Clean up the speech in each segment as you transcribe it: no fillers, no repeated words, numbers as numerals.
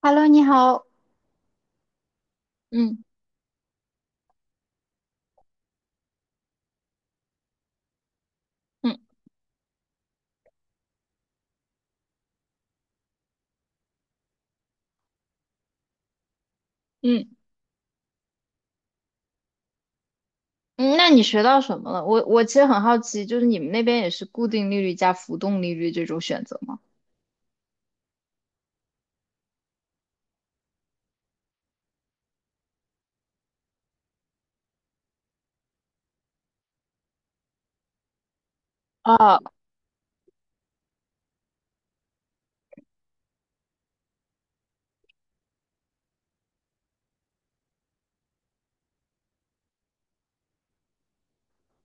Hello，你好。嗯嗯嗯，嗯，那你学到什么了？我其实很好奇，就是你们那边也是固定利率加浮动利率这种选择吗？哦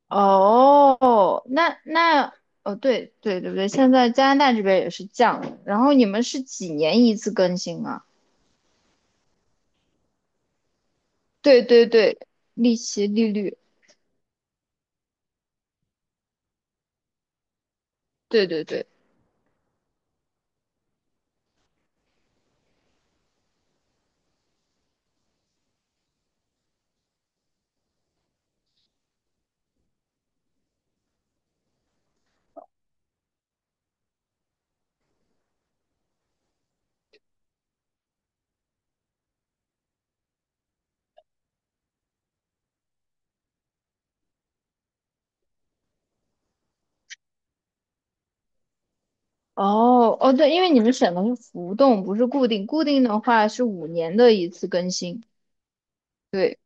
哦，那哦，对对对不对？现在加拿大这边也是降了然后你们是几年一次更新啊？对对对，利息利率，对对对，哦哦，对，因为你们选的是浮动，不是固定，固定的话是五年的一次更新。对。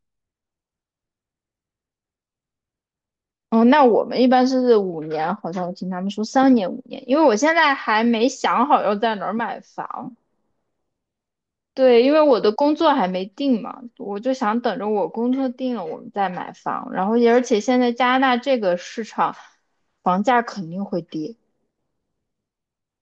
哦，那我们一般是五年，好像我听他们说三年、五年，因为我现在还没想好要在哪儿买房。对，因为我的工作还没定嘛，我就想等着我工作定了，我们再买房。然后也而且现在加拿大这个市场，房价肯定会跌，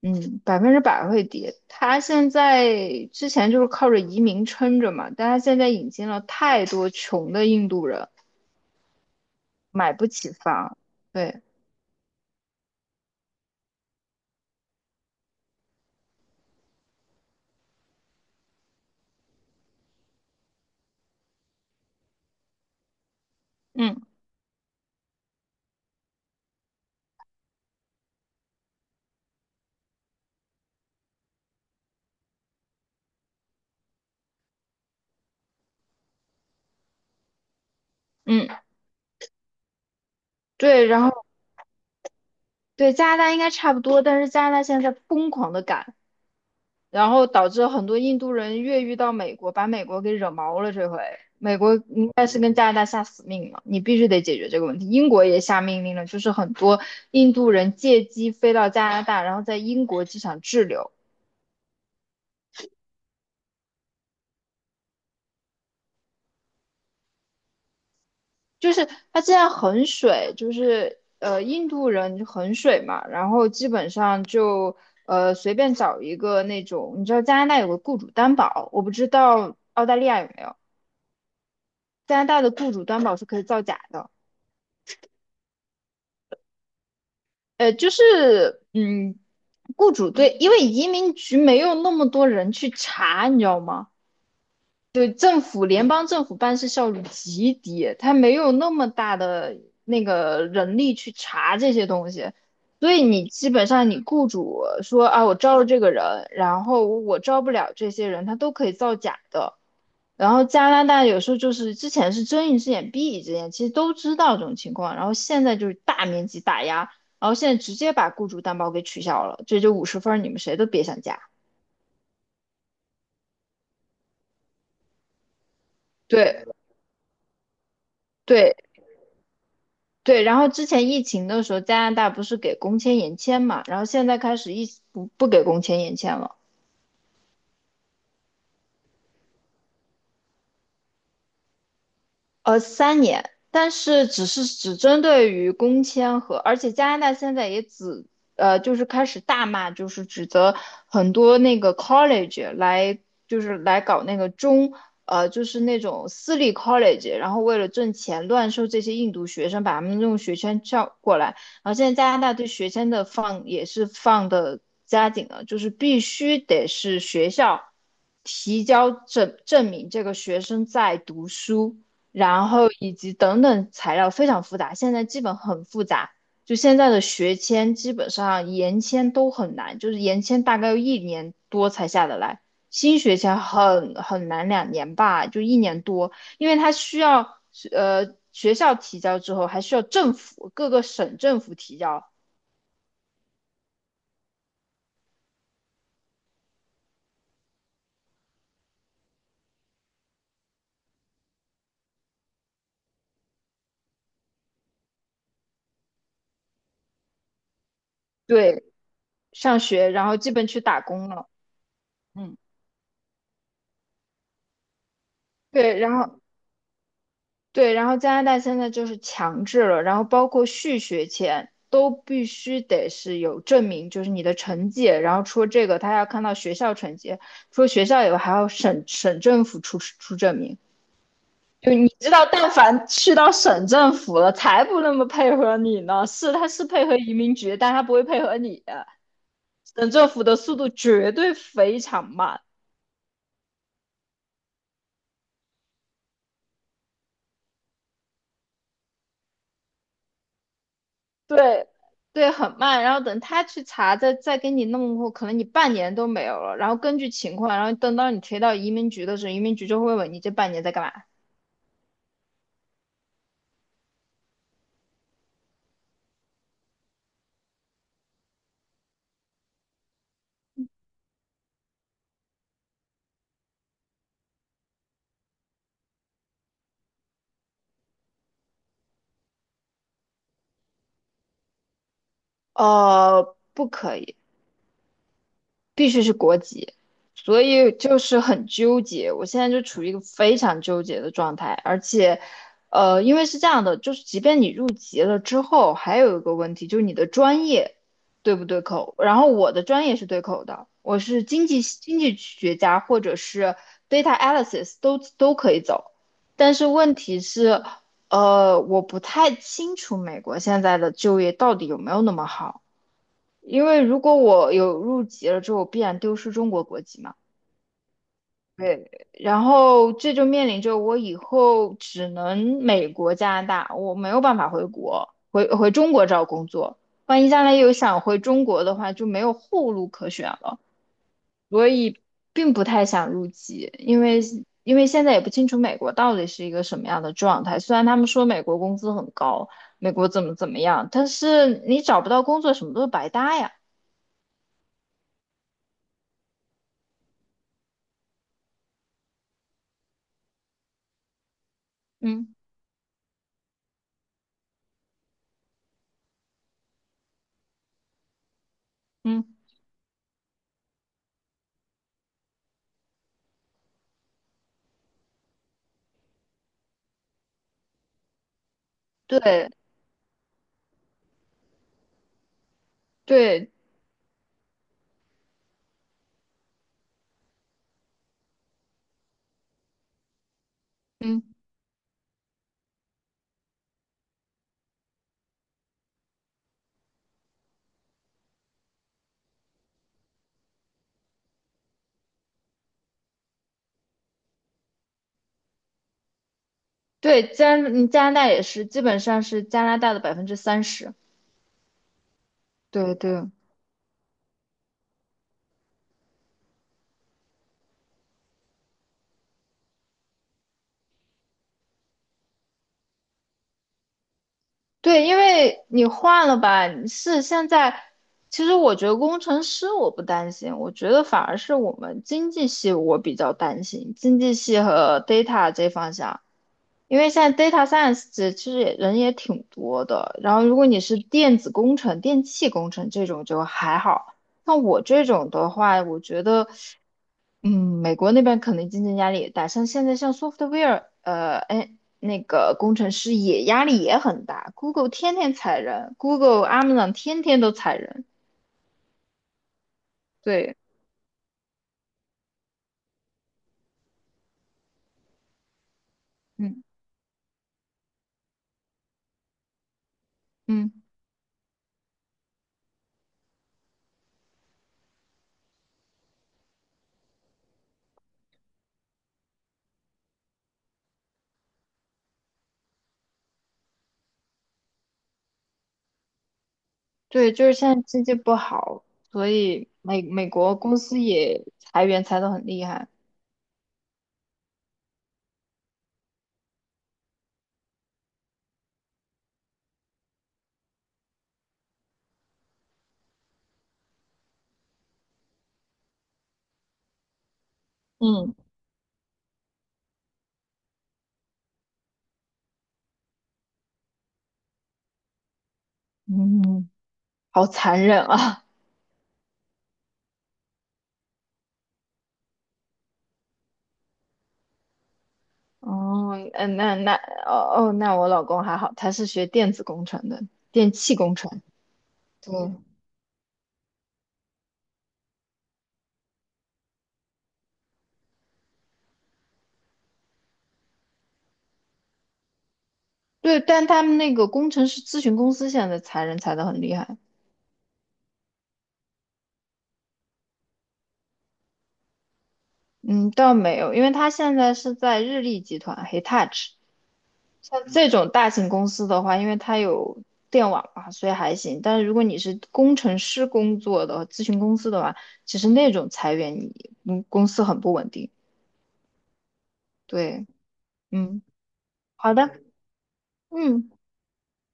嗯，100%会跌。它现在之前就是靠着移民撑着嘛，但它现在引进了太多穷的印度人，买不起房。对，嗯嗯，对，然后。对，加拿大应该差不多，但是加拿大现在在疯狂的赶，然后导致很多印度人越狱到美国，把美国给惹毛了。这回美国应该是跟加拿大下死命了，你必须得解决这个问题。英国也下命令了，就是很多印度人借机飞到加拿大，然后在英国机场滞留。就是他现在很水，就是印度人很水嘛，然后基本上就随便找一个那种，你知道加拿大有个雇主担保，我不知道澳大利亚有没有。加拿大的雇主担保是可以造假的。就是雇主对，因为移民局没有那么多人去查，你知道吗？对，联邦政府办事效率极低，他没有那么大的那个人力去查这些东西，所以你基本上你雇主说啊，我招了这个人，然后我招不了这些人，他都可以造假的。然后加拿大有时候就是之前是睁一只眼闭一只眼，其实都知道这种情况，然后现在就是大面积打压，然后现在直接把雇主担保给取消了，这就50分儿，你们谁都别想加。对对对，然后之前疫情的时候，加拿大不是给工签延签嘛，然后现在开始一不不给工签延签了。三年，但是只针对于工签和，而且加拿大现在也只就是开始大骂，就是指责很多那个 college 来，就是来搞那个中，就是那种私立 college，然后为了挣钱乱收这些印度学生，把他们用学签叫过来，然后现在加拿大对学签的放也是放的加紧了，就是必须得是学校提交证明这个学生在读书。然后以及等等材料非常复杂，现在基本很复杂。就现在的学签，基本上延签都很难，就是延签大概要一年多才下得来，新学签很难，2年吧，就一年多，因为它需要学校提交之后，还需要各个省政府提交，对，上学，然后基本去打工了，嗯，对，然后对，然后加拿大现在就是强制了，然后包括续学签都必须得是有证明，就是你的成绩。然后除了这个，他还要看到学校成绩，除了学校以外，还要省政府出证明。就你知道，但凡去到省政府了，才不那么配合你呢。是，他是配合移民局，但他不会配合你啊。省政府的速度绝对非常慢。对对，很慢。然后等他去查，再给你弄过，可能你半年都没有了。然后根据情况，然后等到你推到移民局的时候，移民局就会问你这半年在干嘛。哦，不可以。必须是国籍，所以就是很纠结。我现在就处于一个非常纠结的状态，而且，因为是这样的，就是即便你入籍了之后，还有一个问题就是你的专业对不对口。然后我的专业是对口的，我是经济学家或者是 data analysis 都可以走，但是问题是，我不太清楚美国现在的就业到底有没有那么好。因为如果我有入籍了之后，我必然丢失中国国籍嘛。对，然后这就面临着我以后只能美国、加拿大，我没有办法回国，回中国找工作。万一将来有想回中国的话，就没有后路可选了。所以并不太想入籍，因为现在也不清楚美国到底是一个什么样的状态。虽然他们说美国工资很高，美国怎么怎么样，但是你找不到工作，什么都是白搭呀。嗯嗯。对对，嗯，对，加拿大也是，基本上是加拿大的30%。对对对，因为你换了吧，你是现在，其实我觉得工程师我不担心，我觉得反而是我们经济系我比较担心，经济系和 data 这方向，因为现在 data science 这其实也人也挺多的，然后如果你是电子工程、电气工程这种就还好。那我这种的话，我觉得。嗯，美国那边可能竞争压力也大，像现在像 software，哎，那个工程师也压力也很大，Google 天天裁人，Google、Amazon 天天都裁人，对，嗯嗯，对，就是现在经济不好，所以美国公司也裁员裁得很厉害，嗯嗯，好残忍啊，哦，嗯，那哦哦，那我老公还好，他是学电子工程的，电气工程，对。对，但他们那个工程师咨询公司现在裁人裁得很厉害。嗯，倒没有，因为他现在是在日立集团 Hitachi，像这种大型公司的话，因为它有电网嘛，所以还行。但是如果你是工程师工作的咨询公司的话，其实那种裁员你，公司很不稳定。对，嗯，好的，嗯，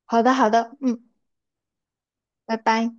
好的，好的，嗯，拜拜。